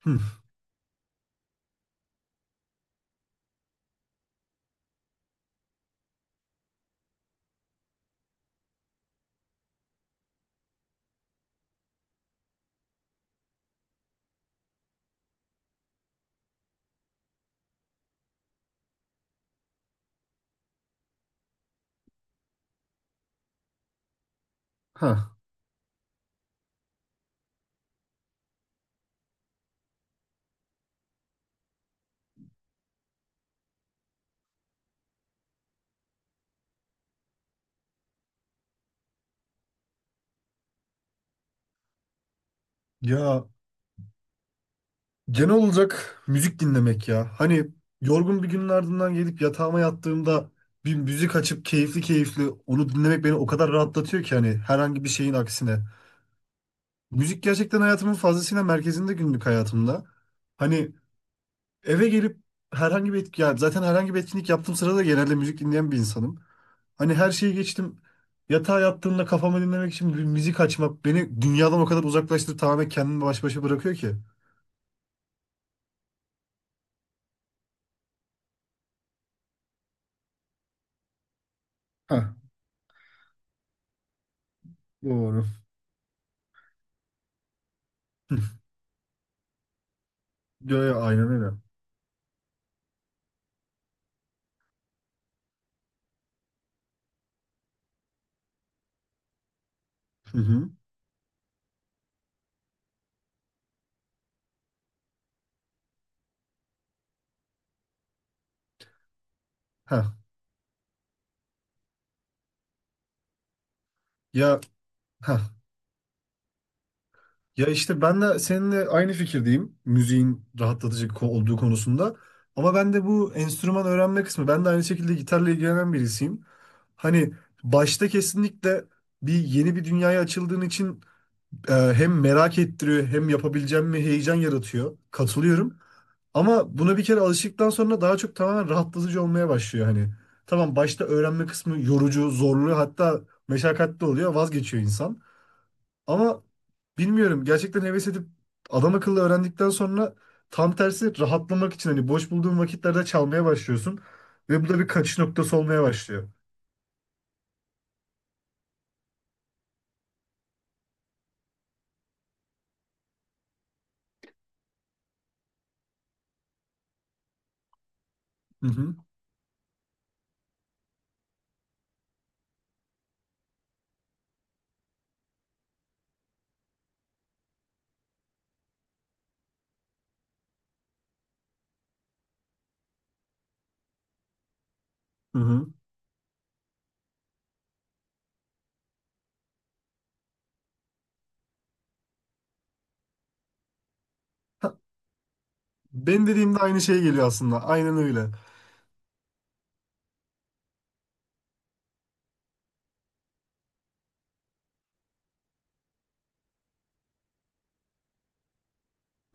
Hı. Ha. Ya, genel olarak müzik dinlemek ya. Hani yorgun bir günün ardından gelip yatağıma yattığımda bir müzik açıp keyifli keyifli onu dinlemek beni o kadar rahatlatıyor ki, hani herhangi bir şeyin aksine. Müzik gerçekten hayatımın fazlasıyla merkezinde, günlük hayatımda. Hani eve gelip ya zaten herhangi bir etkinlik yaptığım sırada genelde müzik dinleyen bir insanım. Hani her şeyi geçtim. Yatağa yattığımda kafamı dinlemek için bir müzik açmak beni dünyadan o kadar uzaklaştırıp tamamen kendimi baş başa bırakıyor ki. Heh. Doğru. Ya, ya aynen öyle. Hı hı. Ha, ya, ha, ya işte ben de seninle aynı fikirdeyim. Müziğin rahatlatıcı olduğu konusunda. Ama ben de bu enstrüman öğrenme kısmı. Ben de aynı şekilde gitarla ilgilenen birisiyim. Hani başta kesinlikle yeni bir dünyaya açıldığın için hem merak ettiriyor hem yapabileceğim mi heyecan yaratıyor. Katılıyorum. Ama buna bir kere alıştıktan sonra daha çok tamamen rahatlatıcı olmaya başlıyor hani. Tamam, başta öğrenme kısmı yorucu, zorlu, hatta meşakkatli oluyor, vazgeçiyor insan. Ama bilmiyorum, gerçekten heves edip adam akıllı öğrendikten sonra tam tersi rahatlamak için hani boş bulduğun vakitlerde çalmaya başlıyorsun. Ve bu da bir kaçış noktası olmaya başlıyor. Hı hı, hı hı. Benim dediğimde aynı şey geliyor aslında. Aynen öyle.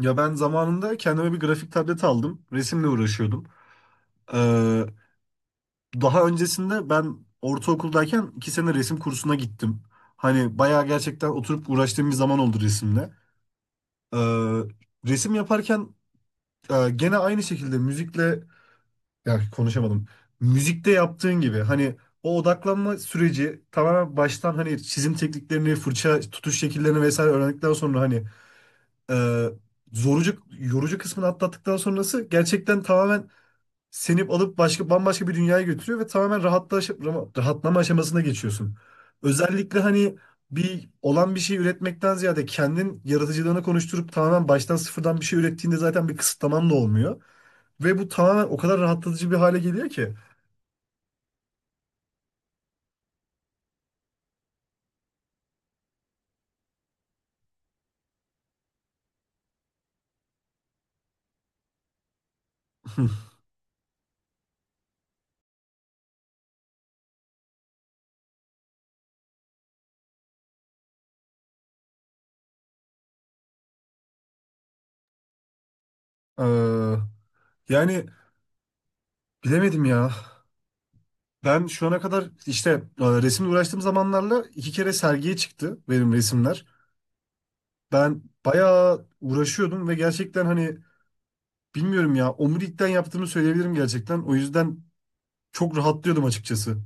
Ya, ben zamanında kendime bir grafik tableti aldım. Resimle uğraşıyordum. Daha öncesinde ben ortaokuldayken 2 sene resim kursuna gittim. Hani bayağı gerçekten oturup uğraştığım bir zaman oldu resimle. Ee, Resim yaparken gene aynı şekilde müzikle ya konuşamadım. Müzikte yaptığın gibi hani o odaklanma süreci tamamen baştan hani çizim tekniklerini, fırça tutuş şekillerini vesaire öğrendikten sonra hani e, zorucu, yorucu kısmını atlattıktan sonrası gerçekten tamamen seni alıp başka bambaşka bir dünyaya götürüyor ve tamamen rahatlama aşamasına geçiyorsun. Özellikle hani bir olan bir şey üretmekten ziyade kendin yaratıcılığını konuşturup tamamen baştan sıfırdan bir şey ürettiğinde zaten bir kısıtlaman da olmuyor. Ve bu tamamen o kadar rahatlatıcı bir hale geliyor ki. Ee, Yani, bilemedim ya. Ben şu ana kadar işte resimle uğraştığım zamanlarla 2 kere sergiye çıktı benim resimler. Ben bayağı uğraşıyordum ve gerçekten hani bilmiyorum ya. Omurilikten yaptığımı söyleyebilirim gerçekten. O yüzden çok rahatlıyordum açıkçası.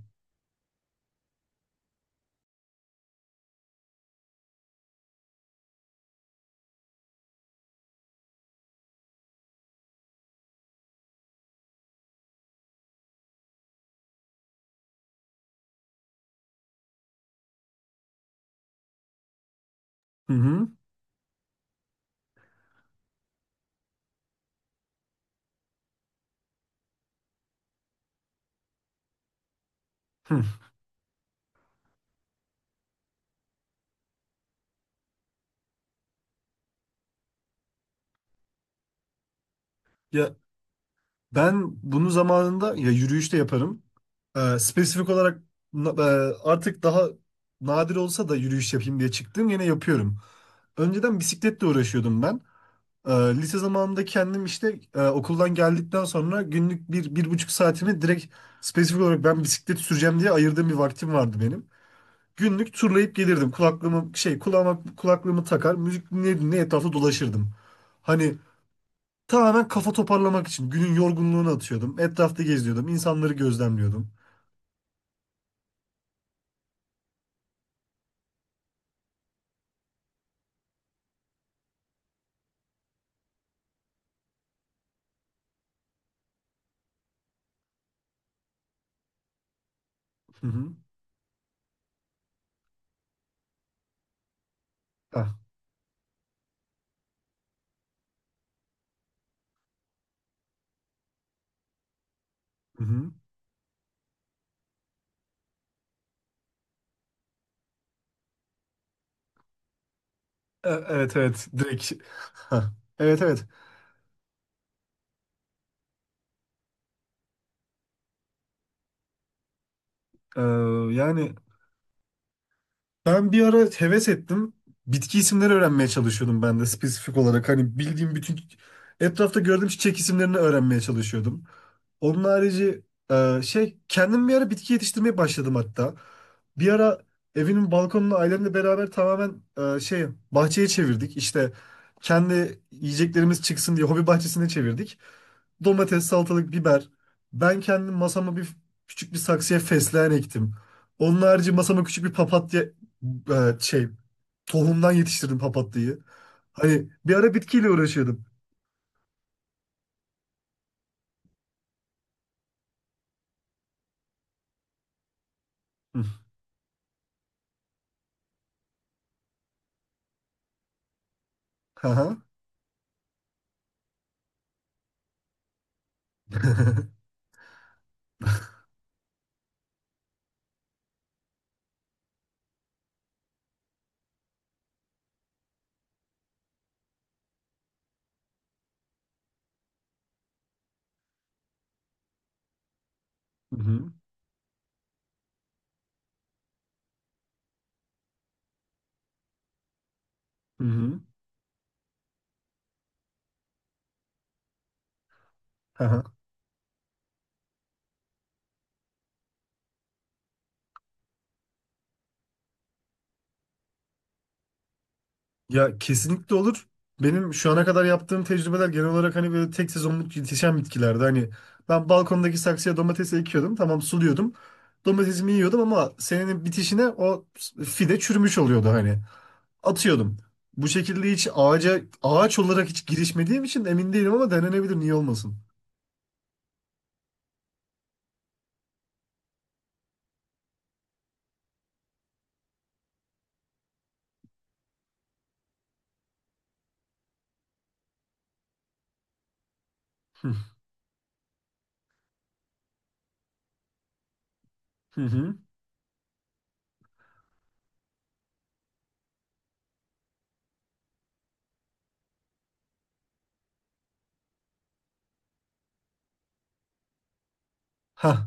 Hı hı. Hı. Ya, ben bunu zamanında ya yürüyüşte yaparım. Spesifik olarak artık daha nadir olsa da yürüyüş yapayım diye çıktım. Yine yapıyorum. Önceden bisikletle uğraşıyordum ben. Lise zamanında kendim işte okuldan geldikten sonra günlük bir, bir buçuk saatimi direkt spesifik olarak ben bisiklet süreceğim diye ayırdığım bir vaktim vardı benim. Günlük turlayıp gelirdim. Kulaklığımı şey kulağıma kulaklığımı takar, müzik dinleye dinleye etrafta dolaşırdım. Hani tamamen kafa toparlamak için günün yorgunluğunu atıyordum. Etrafta geziyordum, insanları gözlemliyordum. Hı hı. Ah, hı hı. Evet, evet, direkt. Hah. Evet, evet. Ee, yani Ben bir ara heves ettim. Bitki isimleri öğrenmeye çalışıyordum ben de spesifik olarak. Hani bildiğim bütün etrafta gördüğüm çiçek isimlerini öğrenmeye çalışıyordum. Onun harici kendim bir ara bitki yetiştirmeye başladım hatta. Bir ara evimin balkonunu ailemle beraber tamamen e, şey bahçeye çevirdik. İşte kendi yiyeceklerimiz çıksın diye hobi bahçesine çevirdik. Domates, salatalık, biber. Ben kendim masama küçük bir saksıya fesleğen ektim. Onun harici masama küçük bir papatya e, şey tohumdan yetiştirdim papatyayı. Hani bir ara bitkiyle uğraşıyordum. Hı. Aha. Hı hı. Hı hı. Aha. Ya, kesinlikle olur. Benim şu ana kadar yaptığım tecrübeler genel olarak hani böyle tek sezonluk yetişen bitkilerde. Hani ben balkondaki saksıya domates ekiyordum. Tamam, suluyordum. Domatesimi yiyordum ama senenin bitişine o fide çürümüş oluyordu hani. Atıyordum. Bu şekilde hiç ağaca ağaç olarak hiç girişmediğim için emin değilim ama denenebilir, niye olmasın. Hı hı. Hah.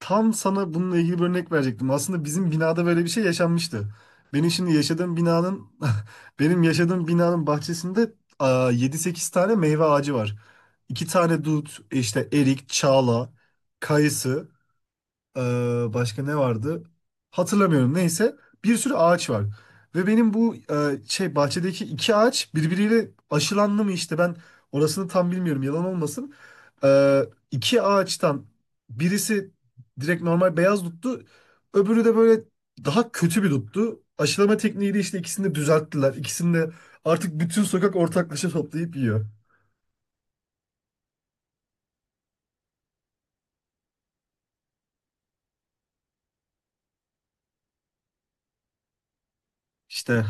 Tam sana bununla ilgili bir örnek verecektim. Aslında bizim binada böyle bir şey yaşanmıştı. Benim şimdi yaşadığım binanın Benim yaşadığım binanın bahçesinde 7-8 tane meyve ağacı var. 2 tane dut, işte erik, çağla, kayısı. Ee, Başka ne vardı? Hatırlamıyorum. Neyse. Bir sürü ağaç var. Ve benim bu bahçedeki 2 ağaç birbiriyle aşılandı mı işte, ben orasını tam bilmiyorum, yalan olmasın. Ee, 2 ağaçtan birisi direkt normal beyaz duttu. Öbürü de böyle daha kötü bir duttu. Aşılama tekniğiyle işte ikisini de düzelttiler. İkisini de artık bütün sokak ortaklaşa toplayıp yiyor. İşte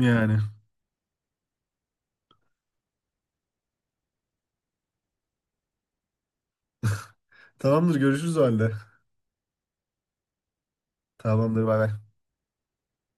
yani. Tamamdır, görüşürüz o halde. Tamamdır, bay bay.